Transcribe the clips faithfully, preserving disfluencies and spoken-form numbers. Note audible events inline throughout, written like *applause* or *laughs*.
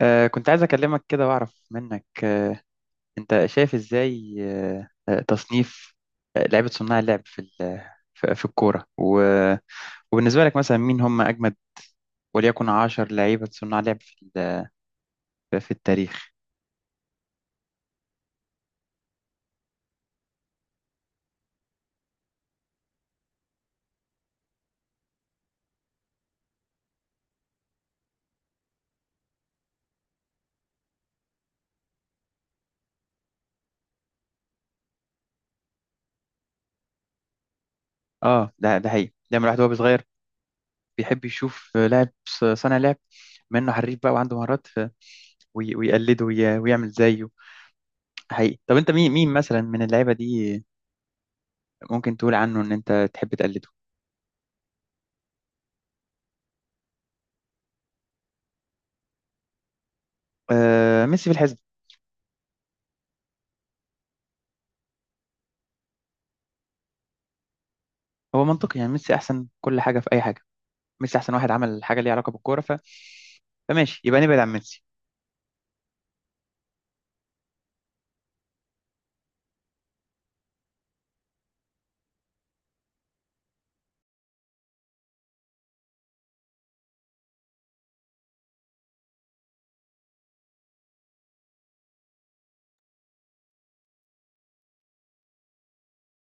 آه، كنت عايز أكلمك كده وأعرف منك، آه، أنت شايف إزاي آه، آه، تصنيف آه، لعيبة صناع اللعب في ال- في في الكورة و- وبالنسبة لك مثلا مين هم أجمد وليكن عشر لعيبة صناع لعب في ال- في التاريخ. اه، ده ده حقيقي، دايما الواحد وهو صغير بيحب يشوف، آه، لاعب ص- صانع لعب، بما إنه حريف بقى وعنده مهارات، ف- وي- ويقلده وي- ويعمل زيه حقيقي. طب أنت مين مين مثلا من اللعيبة دي ممكن تقول عنه إن أنت تحب تقلده؟ آه، ميسي في الحسبة. هو منطقي يعني ميسي احسن كل حاجه في اي حاجه، ميسي احسن واحد عمل حاجه ليها علاقه بالكوره، ف... فماشي يبقى نبعد عن ميسي.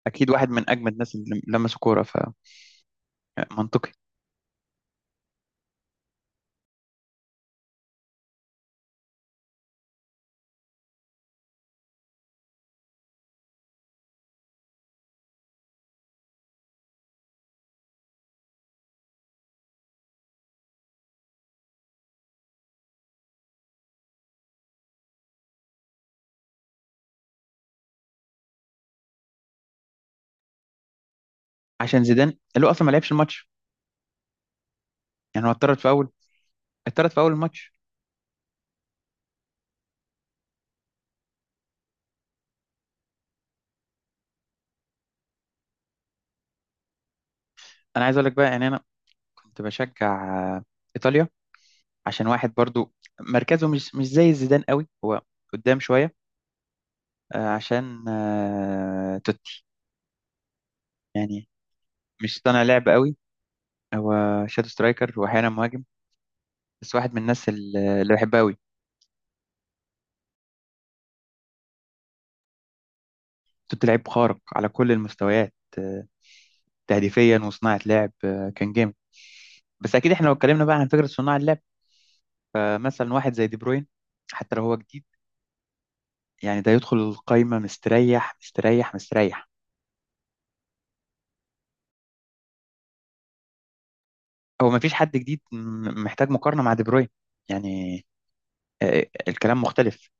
اكيد واحد من اجمد الناس اللي لمسوا كوره، فمنطقي. عشان زيدان اللي هو اصلا ما لعبش الماتش، يعني هو اتطرد في اول، اتطرد في اول الماتش. انا عايز اقول لك بقى، يعني انا كنت بشجع، آه، ايطاليا، عشان واحد برضو مركزه مش مش زي زيدان قوي، هو قدام شويه، آه، عشان آه، توتي. يعني مش صانع لعب قوي، هو شادو سترايكر واحيانا مهاجم، بس واحد من الناس اللي اللي بحبها قوي. كنت لعيب خارق على كل المستويات، آه، تهديفيا وصناعة لعب، آه، كان جامد. بس أكيد إحنا لو اتكلمنا بقى عن فكرة صناع اللعب، آه، مثلا واحد زي دي بروين، حتى لو هو جديد، يعني ده يدخل القايمة مستريح مستريح مستريح. هو مفيش حد جديد م- محتاج مقارنة مع دي بروين، يعني آه، الكلام مختلف.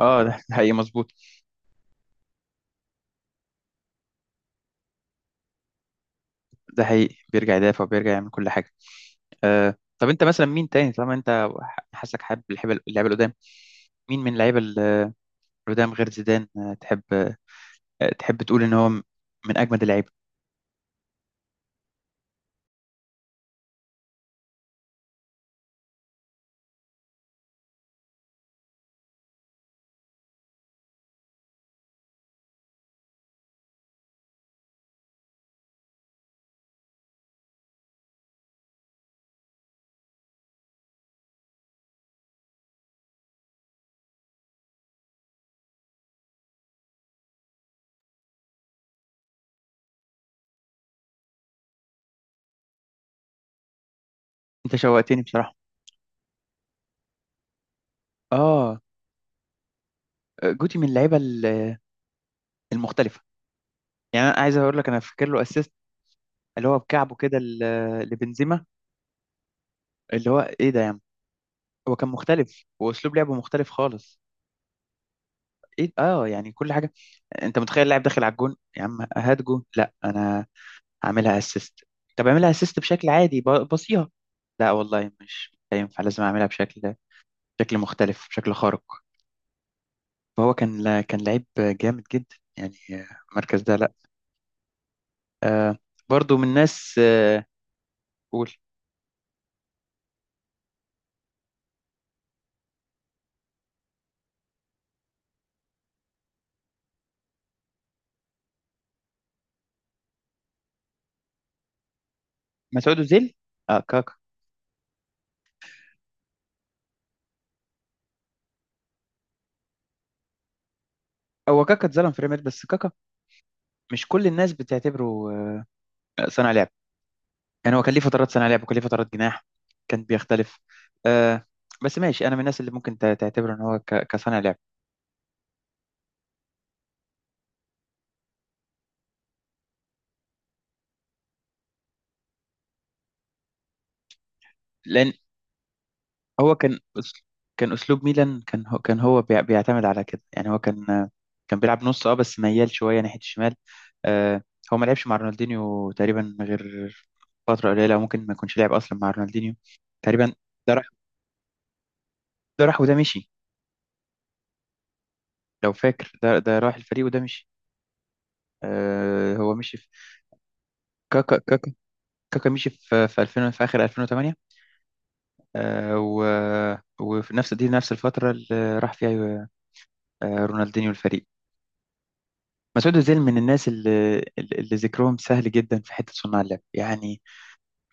اه، ده *laughs* ده حقيقي مظبوط. ده حقيقي، بيرجع يدافع وبيرجع يعمل كل حاجة. آه، طب انت مثلا مين تاني، طالما انت ح- حاسك حابب اللعيبه اللعيبة القدام، مين من اللعيبه القدام غير زيدان، آه، تحب آه، تحب تقول ان هو م- من اجمد اللعيبه؟ انت شوقتني بصراحه. اه، آه، جوتي من اللعيبه ال- المختلفه. يعني انا عايز اقول لك، انا فاكر له اسيست اللي هو بكعبه كده ل- لبنزيما، اللي هو ايه ده يا عم! هو كان مختلف، واسلوب لعبه مختلف خالص. ايه اه يعني كل حاجه، انت متخيل اللاعب داخل على الجون يا عم، هات جون! لا، انا هعملها اسيست. طب اعملها اسيست بشكل عادي، ب- بصيها. لا والله مش هينفع، لازم اعملها بشكل، بشكل مختلف بشكل خارق. فهو كان لا- كان لعيب جامد جدا يعني، المركز ده، لا. آه، برضو من الناس، آه، قول. مسعود أوزيل. اه، كاكا. هو كاكا اتظلم في ريال مدريد، بس كاكا مش كل الناس بتعتبره آه صانع لعب، يعني هو كان ليه فترات صانع لعب وكان ليه فترات جناح، كان بيختلف. آه، بس ماشي، انا من الناس اللي ممكن تع- تعتبره ان هو ك- كصانع لعب. لان هو كان أس- كان اسلوب ميلان، كان هو كان هو بيع- بيعتمد على كده، يعني هو كان، كان بيلعب نص اه، بس ميال شويه ناحيه الشمال. آه، هو ما لعبش مع رونالدينيو تقريبا غير فتره قليله، ممكن ما يكونش لعب اصلا مع رونالدينيو تقريبا. ده راح ده راح وده مشي، لو فاكر، ده ده راح الفريق وده مشي. آه، هو مشي في، كاكا كاكا كاكا مشي في في ألفين، في اخر ألفين وتمانية. آه و وفي نفس دي نفس الفتره اللي راح فيها، آه، رونالدينيو الفريق. مسعود أوزيل من الناس اللي, اللي ذكرهم سهل جدا في حتة صناع اللعب يعني،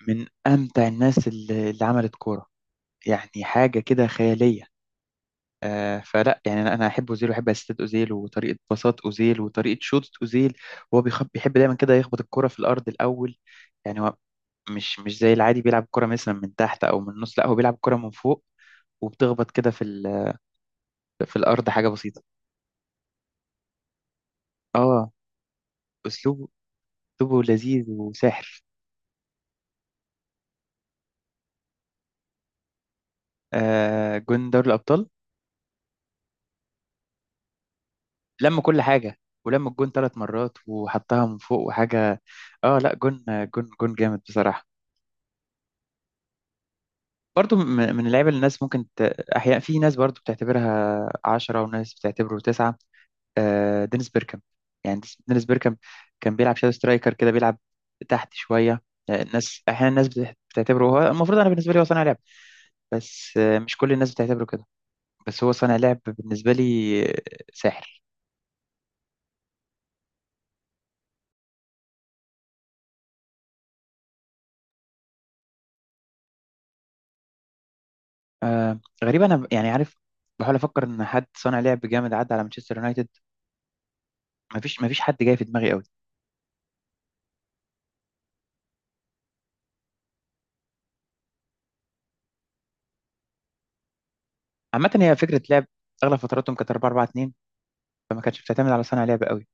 من أمتع الناس اللي, اللي عملت كورة، يعني حاجة كده خيالية. آه فلا، يعني أنا أنا أحب أوزيل وأحب أسيستات أوزيل وطريقة باصات أوزيل وطريقة شوطة أوزيل، وهو بيخ- بيحب دايما كده يخبط الكرة في الأرض الأول. يعني هو مش مش زي العادي بيلعب كرة مثلا من تحت أو من النص، لا هو بيلعب كرة من فوق وبتخبط كده في ال- في الأرض حاجة بسيطة. اه، أسلوبه أسلوبه لذيذ وساحر. آه، جون دوري الأبطال، لم كل حاجة، ولم الجون ثلاث مرات وحطها من فوق وحاجة. اه لا، جون جون جون جامد بصراحة. برضو م- من اللعيبة اللي الناس ممكن ت... أحيانا في ناس برضو بتعتبرها عشرة وناس بتعتبره تسعة. آه، دينيس بيركام، يعني ديس- دينيس بيركام كان بيلعب شادو سترايكر كده، بيلعب تحت شوية. آه، الناس أحيانا الناس بت- بتعتبره هو المفروض، أنا بالنسبة لي هو صانع لعب، بس آه، مش كل الناس بتعتبره كده، بس هو صانع لعب بالنسبة لي، آه، ساحر. آه غريب، انا ب- يعني عارف، بحاول افكر ان حد صانع لعب جامد عدى على مانشستر يونايتد، مفيش مفيش حد جاي في دماغي قوي. عامه هي فكره لعب، اغلب فتراتهم كانت أربعة أربعة اتنين، فما كانتش بتعتمد على صانع لعب قوي.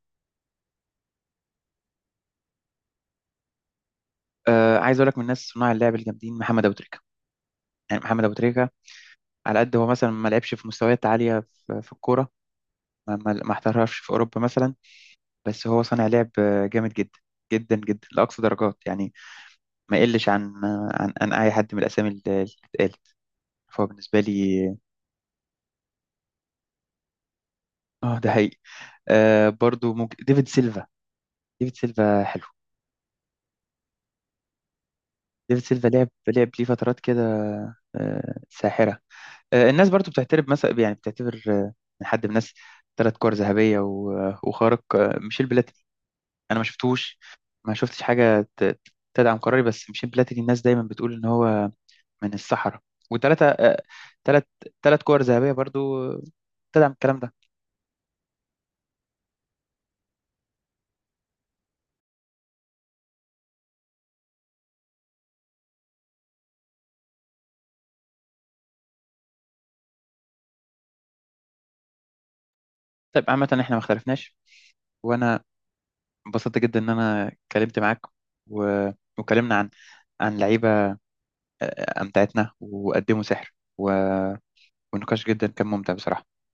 آه، عايز اقول لك من الناس صناع اللعب الجامدين محمد ابو تريكه. يعني محمد ابو تريكه، على قد هو مثلا ما لعبش في مستويات عاليه في, في الكوره، ما, ما ما احترفش في اوروبا مثلا، بس هو صانع لعب آه، جامد جدا، جدا جدا، لاقصى درجات يعني. ما يقلش عن عن, عن اي حد من الاسامي اللي اللي اتقالت، فهو بالنسبه لي. اه ده هي. آه، برضو ممكن ديفيد سيلفا، ديفيد سيلفا حلو، ديفيد سيلفا لعب لعب ليه فترات كده، آه، ساحرة. آه، الناس برضو بتعترف مثلا، يعني بتعتبر، آه، من حد من الناس، ثلاث كور ذهبية و- آه، وخارق، آه، ميشيل بلاتيني. أنا ما شفتوش، ما شفتش حاجة ت- تدعم قراري، بس ميشيل بلاتيني الناس دايما بتقول إن هو من الصحراء، وثلاثة آه، ثلاث ثلاث كور ذهبية برضو آه، تدعم الكلام ده. طيب، عامة احنا ما اختلفناش. وأنا انبسطت جدا ان انا اتكلمت معاك و... وكلمنا عن، عن لعيبه، آه، آه، امتعتنا وقدموا سحر، و... والنقاش جدا كان ممتع بصراحه.